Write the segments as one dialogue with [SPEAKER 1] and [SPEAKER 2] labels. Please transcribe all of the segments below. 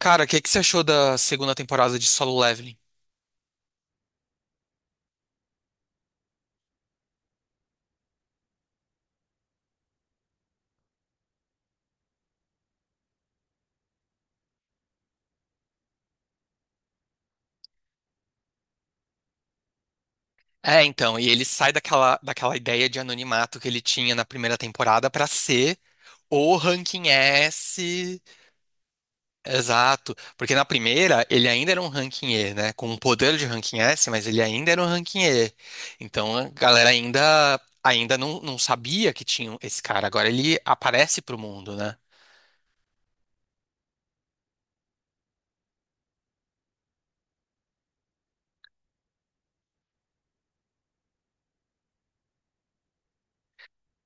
[SPEAKER 1] Cara, o que que você achou da segunda temporada de Solo Leveling? É, então, e ele sai daquela ideia de anonimato que ele tinha na primeira temporada pra ser o ranking S. Exato, porque na primeira ele ainda era um ranking E, né? Com o poder de ranking S, mas ele ainda era um ranking E. Então a galera ainda não sabia que tinha esse cara. Agora ele aparece pro mundo, né?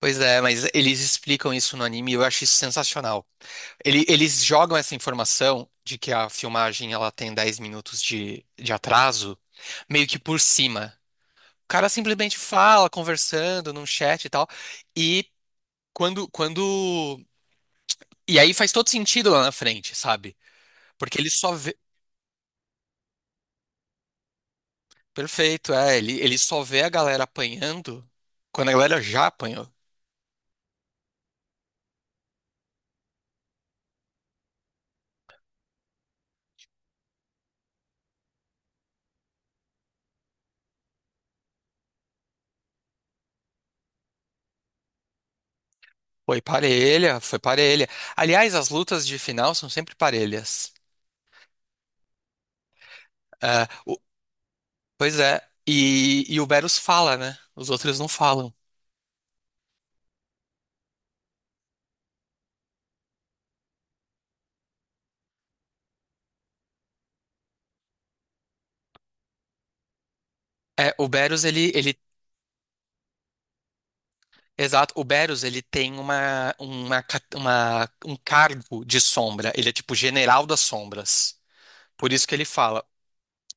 [SPEAKER 1] Pois é, mas eles explicam isso no anime e eu acho isso sensacional. Eles jogam essa informação de que a filmagem ela tem 10 minutos de atraso, meio que por cima. O cara simplesmente fala, conversando num chat e tal. E quando... E aí faz todo sentido lá na frente, sabe? Porque ele só vê... Perfeito, é. Ele só vê a galera apanhando quando a galera já apanhou. Foi parelha, foi parelha. Aliás, as lutas de final são sempre parelhas. É, pois é. E o Berus fala, né? Os outros não falam. É, o Berus, exato, o Berus, ele tem um cargo de sombra, ele é tipo general das sombras, por isso que ele fala.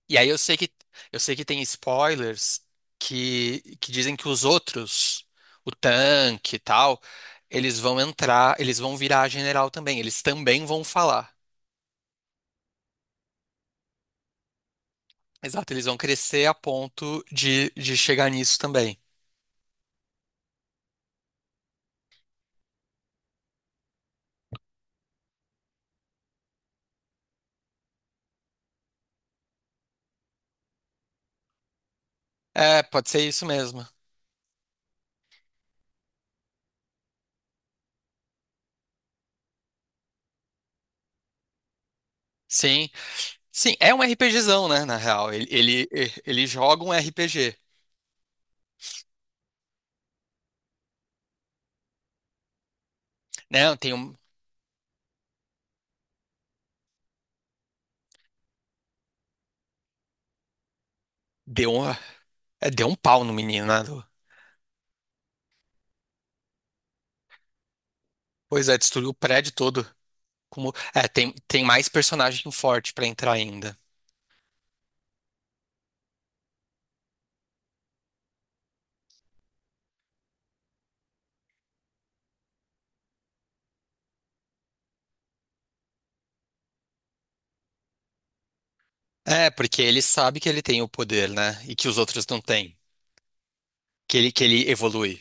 [SPEAKER 1] E aí eu sei que tem spoilers que dizem que os outros, o tanque e tal, eles vão entrar, eles vão virar general também, eles também vão falar. Exato, eles vão crescer a ponto de chegar nisso também. É, pode ser isso mesmo. Sim. Sim, é um RPGzão, né, na real. Ele joga um RPG, né? Tem um, deu um, é, deu um pau no menino, né? Pois é, destruiu o prédio todo. Como, é, tem mais personagem forte pra entrar ainda. É, porque ele sabe que ele tem o poder, né? E que os outros não têm. Que ele evolui.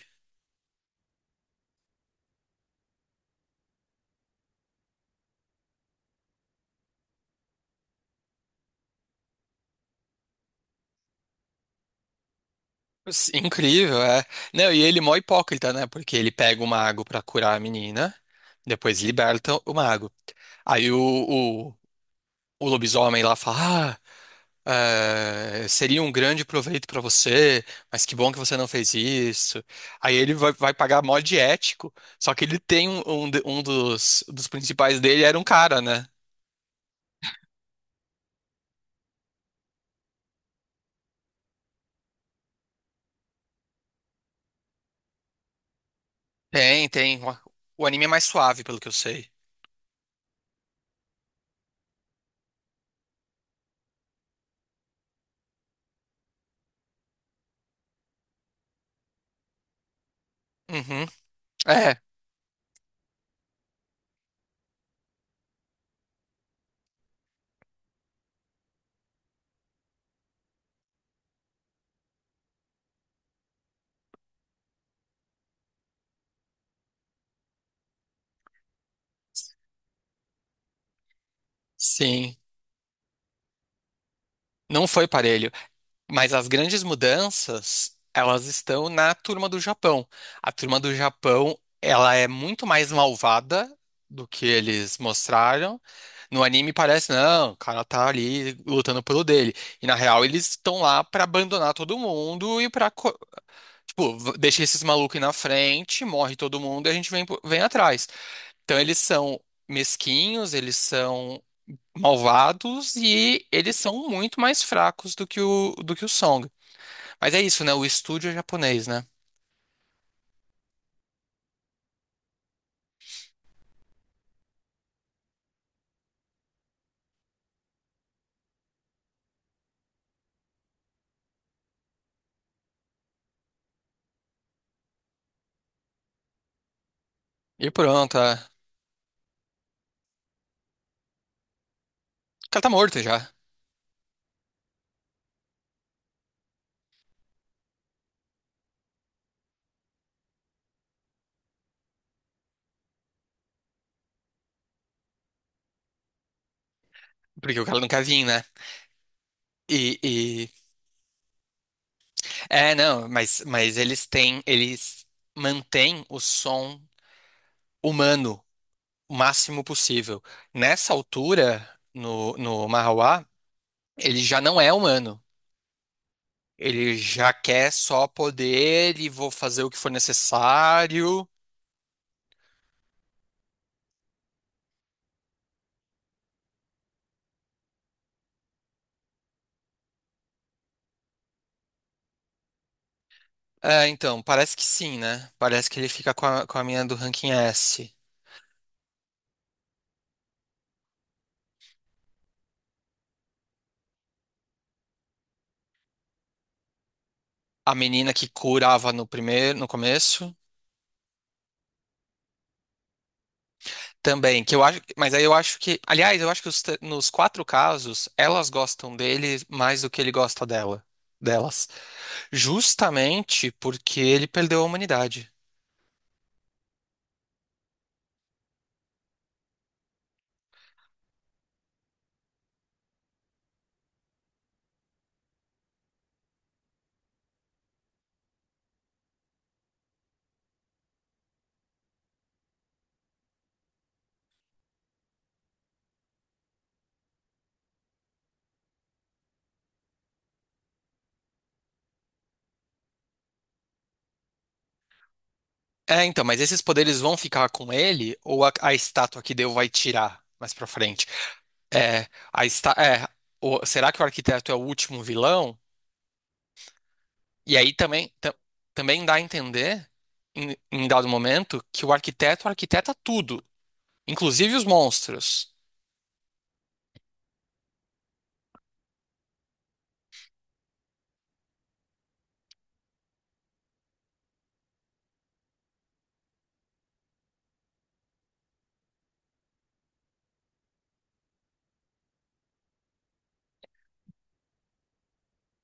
[SPEAKER 1] Sim, incrível, é. Não, e ele é mó hipócrita, né? Porque ele pega o mago pra curar a menina, depois liberta o mago. Aí o, o lobisomem lá fala, ah, seria um grande proveito para você, mas que bom que você não fez isso. Aí ele vai pagar mó de ético, só que ele tem um dos principais dele era um cara, né? Tem, tem. O anime é mais suave, pelo que eu sei. Uhum. É, sim. Não foi parelho. Mas as grandes mudanças, elas estão na turma do Japão. A turma do Japão, ela é muito mais malvada do que eles mostraram. No anime parece, não, o cara tá ali lutando pelo dele. E na real, eles estão lá pra abandonar todo mundo e tipo, deixa esses malucos aí na frente, morre todo mundo e a gente vem, vem atrás. Então eles são mesquinhos, eles são malvados e eles são muito mais fracos do que o Song. Mas é isso, né? O estúdio é japonês, né? E pronto, o cara tá morto já. Porque o cara não quer vir, né? E, e- é, não, mas eles têm. Eles mantêm o som humano o máximo possível. Nessa altura, no Mahawá, ele já não é humano. Ele já quer só poder e vou fazer o que for necessário. É, então, parece que sim, né? Parece que ele fica com a mina do ranking S. A menina que curava no primeiro, no começo, também, que eu acho, mas aí eu acho que, aliás, eu acho que nos quatro casos, elas gostam dele mais do que ele gosta dela, delas, justamente porque ele perdeu a humanidade. É, então, mas esses poderes vão ficar com ele ou a estátua que deu vai tirar mais pra frente? É, a esta, é, o- será que o arquiteto é o último vilão? E aí também, também dá a entender, em dado momento, que o arquiteto arquiteta tudo, inclusive os monstros.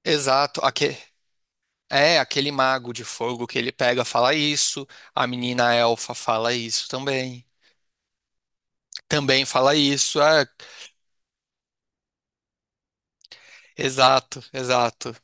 [SPEAKER 1] Exato, é aquele mago de fogo que ele pega fala isso, a menina elfa fala isso também. Também fala isso, é, exato, exato.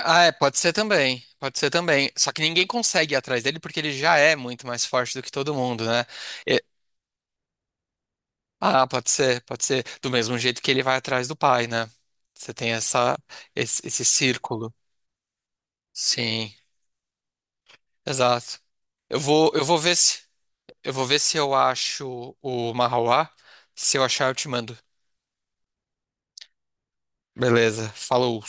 [SPEAKER 1] Ah, é, pode ser também, pode ser também. Só que ninguém consegue ir atrás dele porque ele já é muito mais forte do que todo mundo, né? Ah, pode ser, pode ser. Do mesmo jeito que ele vai atrás do pai, né? Você tem essa, esse círculo. Sim, exato. Eu vou ver se, eu vou ver se eu acho o Mahauá. Se eu achar, eu te mando. Beleza, falou.